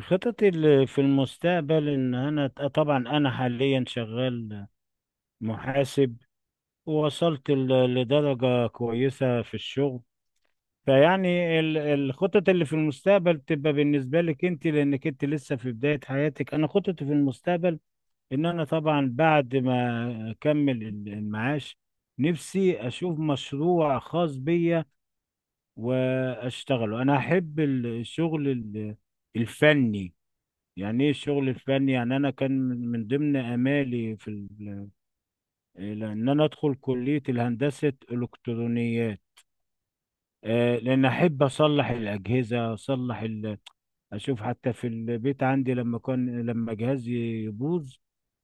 خططي في المستقبل ان انا طبعا حاليا شغال محاسب. ووصلت لدرجة كويسة في الشغل. فيعني الخطط اللي في المستقبل تبقى بالنسبة لك انت، لانك انت لسه في بداية حياتك. انا خططي في المستقبل ان انا طبعا بعد ما اكمل المعاش، نفسي اشوف مشروع خاص بيا واشتغله. انا احب الشغل الفني. يعني ايه الشغل الفني؟ يعني انا كان من ضمن امالي في ال- إيه، ان انا ادخل كليه الهندسه الكترونيات، لان احب اصلح الاجهزه، اصلح اشوف حتى في البيت عندي، لما كان لما جهازي يبوظ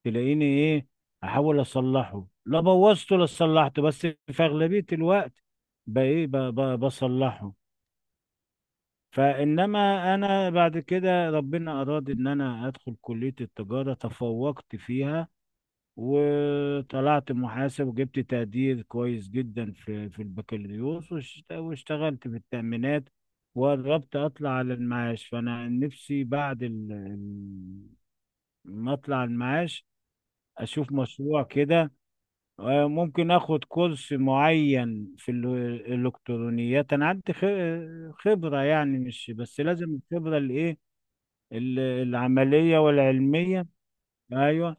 تلاقيني ايه، احاول اصلحه. لا بوظته لا صلحته، بس في اغلبيه الوقت بصلحه. فانما انا بعد كده ربنا اراد ان انا ادخل كليه التجاره، تفوقت فيها وطلعت محاسب وجبت تقدير كويس جدا في في البكالوريوس، واشتغلت في التأمينات. وقربت اطلع على المعاش. فانا نفسي بعد ما اطلع المعاش اشوف مشروع كده. ممكن اخد كورس معين في الالكترونيات. انا عندي خبرة، يعني مش بس لازم الخبرة الايه، العملية والعلمية. ايوه،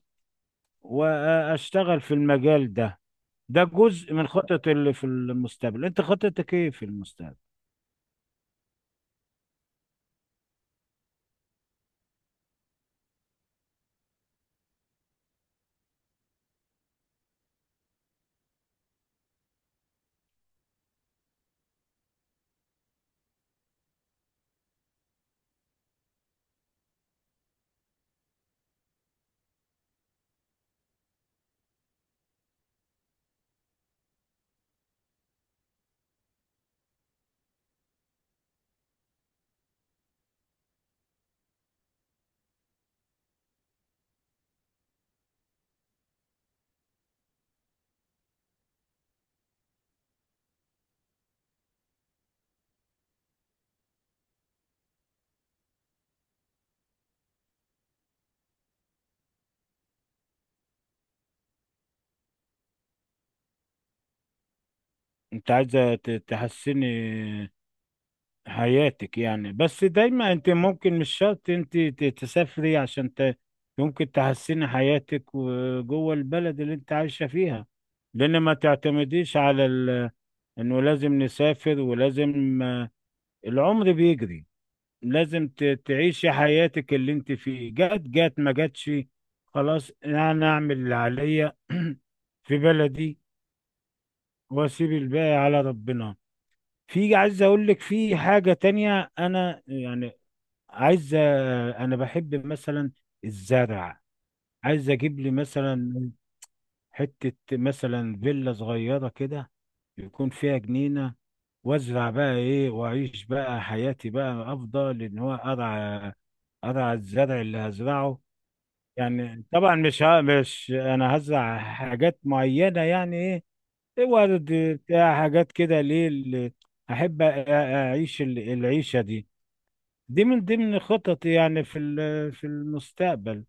واشتغل في المجال ده. ده جزء من خطط اللي في المستقبل. انت خطتك ايه في المستقبل؟ انت عايزة تحسني حياتك يعني، بس دايما انت ممكن مش شرط انت تسافري عشان ممكن تحسني حياتك جوه البلد اللي انت عايشة فيها. لان ما تعتمديش على انه لازم نسافر ولازم، العمر بيجري. لازم تعيشي حياتك اللي انت فيه، جات جات، ما جاتش خلاص، انا اعمل اللي عليا في بلدي واسيب الباقي على ربنا. في عايز اقول لك في حاجة تانية. انا يعني عايز انا بحب مثلا الزرع. عايز اجيب لي مثلا حتة، مثلا فيلا صغيرة كده يكون فيها جنينة، وازرع بقى ايه واعيش بقى حياتي. بقى افضل ان هو ارعى، ارعى الزرع اللي هزرعه. يعني طبعا مش انا هزرع حاجات معينة، يعني ايه، إيه ورد بتاع حاجات كده، ليه اللي احب اعيش العيشة دي. دي من ضمن خططي يعني في في المستقبل.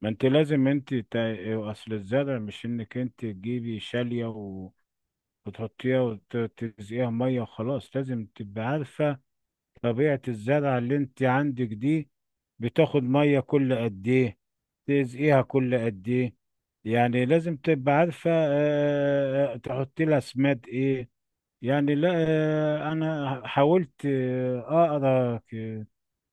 ما انت لازم انت اصل الزرع مش انك انت تجيبي شالية وتحطيها وتسقيها ميه وخلاص، لازم تبقى عارفه طبيعه الزرعه اللي انت عندك دي، بتاخد ميه كل قد ايه، تسقيها كل قد ايه. يعني لازم تبقى عارفه تحطي لها سماد ايه. يعني لا، انا حاولت اقرا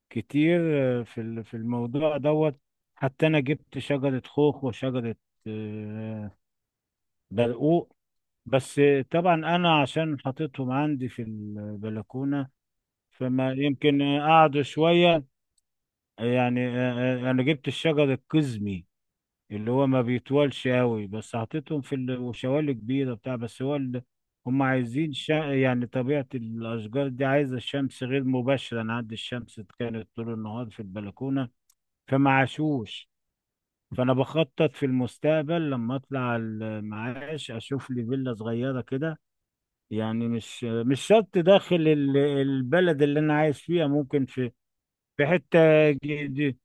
كتير في في الموضوع دوت. حتى انا جبت شجره خوخ وشجره آه، برقوق بس. طبعا انا عشان حطيتهم عندي في البلكونه، فما يمكن قعدوا شويه. يعني انا جبت الشجر القزمي اللي هو ما بيطولش قوي، بس حطيتهم في وشوالي كبيره بتاع، بس هو هم عايزين يعني طبيعه الاشجار دي عايزه الشمس غير مباشره، انا عندي الشمس كانت طول النهار في البلكونه، فما عاشوش. فانا بخطط في المستقبل لما اطلع المعاش اشوف لي فيلا صغيره كده. يعني مش مش شرط داخل البلد اللي انا عايش فيها، ممكن في في حته جديده،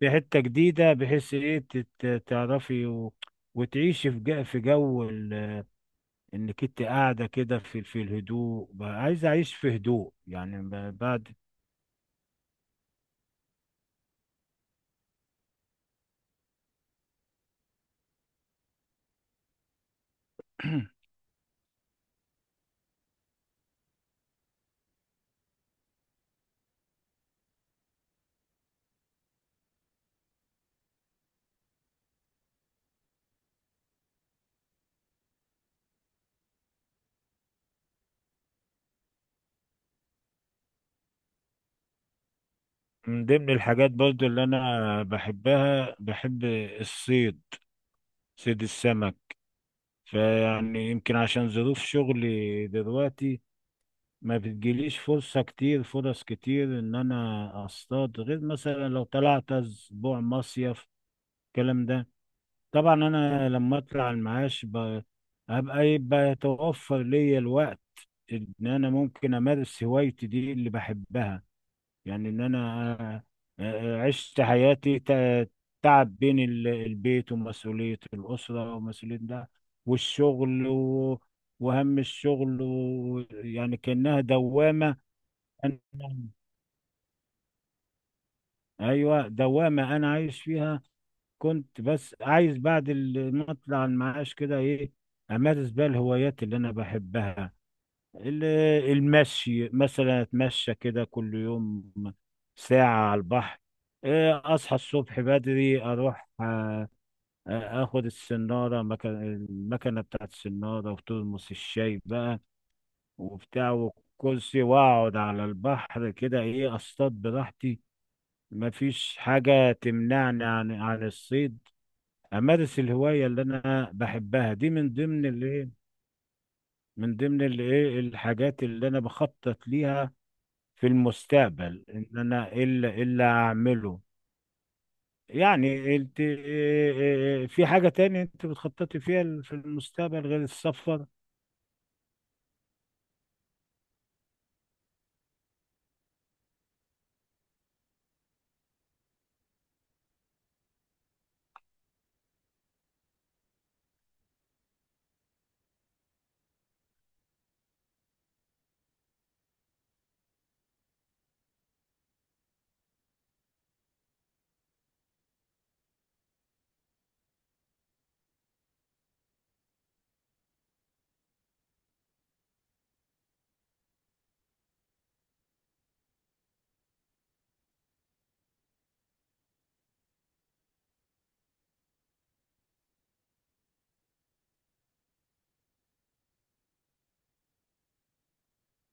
في حته جديده بحيث ايه تعرفي وتعيشي في جو، في جو انك انت قاعده كده في في الهدوء. بقى عايز اعيش في هدوء يعني بعد. من ضمن الحاجات برضو اللي انا بحبها، بحب الصيد، صيد السمك. فيعني يمكن عشان ظروف شغلي دلوقتي ما بتجيليش فرصة كتير، فرص كتير ان انا اصطاد، غير مثلا لو طلعت اسبوع مصيف الكلام ده. طبعا انا لما اطلع المعاش هبقى، يبقى يتوفر ليا الوقت ان انا ممكن امارس هوايتي دي اللي بحبها. يعني ان انا عشت حياتي تعب بين البيت ومسؤولية الأسرة ومسؤولية ده والشغل وهم الشغل يعني كأنها دوامة. ايوه دوامه انا عايش فيها. كنت بس عايز بعد ما اطلع المعاش كده ايه امارس بقى الهوايات اللي انا بحبها، ال- المشي مثلا، اتمشى كده كل يوم ساعه على البحر. اصحى الصبح بدري اروح اخد السناره مكان المكنه بتاعت السناره وترمس الشاي بقى وبتاع والكرسي، واقعد على البحر كده ايه اصطاد براحتي. مفيش حاجة تمنعني عن عن الصيد. أمارس الهواية اللي أنا بحبها، دي من ضمن الإيه، من ضمن الإيه الحاجات اللي أنا بخطط ليها في المستقبل، إن أنا إيه اللي إيه اللي أعمله. يعني أنت إيه- إيه- إيه، في حاجة تانية أنت بتخططي فيها في المستقبل غير السفر؟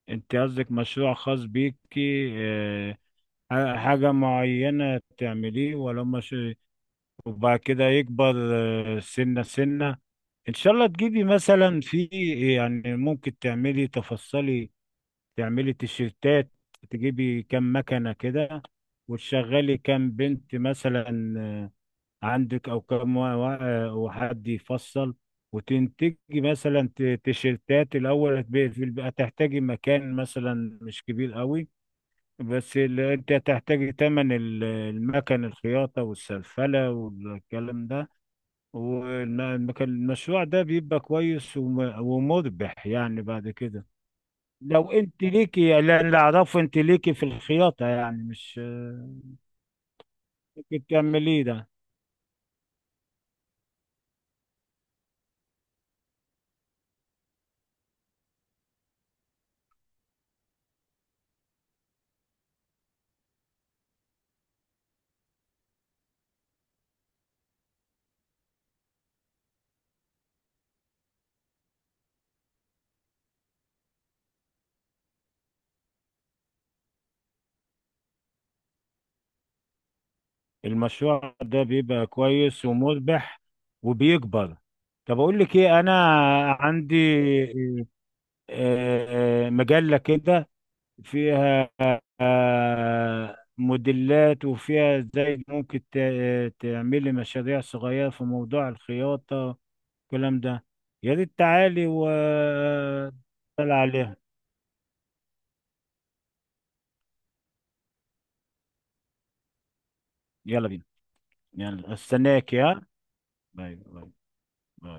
أنت قصدك مشروع خاص بيكي إيه، حاجة معينة تعمليه، ولا مش وبعد كده يكبر سنة سنة؟ ان شاء الله تجيبي مثلا في، يعني ممكن تعملي تفصلي، تعملي تيشيرتات، تجيبي كام مكنة كده وتشغلي كام بنت مثلا عندك، او كام وحد يفصل، وتنتجي مثلا تيشيرتات. الاول هتبقى في هتحتاجي مكان مثلا مش كبير قوي، بس انت هتحتاجي تمن المكن الخياطة والسلفلة والكلام ده. والمشروع ده بيبقى كويس ومربح يعني بعد كده. لو انت ليكي، اللي اللي اعرفه انت ليكي في الخياطة، يعني مش ممكن تعمليه ده؟ المشروع ده بيبقى كويس ومربح وبيكبر. طب اقول لك ايه، انا عندي مجلة كده فيها موديلات، وفيها ازاي ممكن تعملي مشاريع صغيرة في موضوع الخياطة الكلام ده. يا ريت تعالي و عليها. يلا بينا. يلا استناك يا باي باي. باي.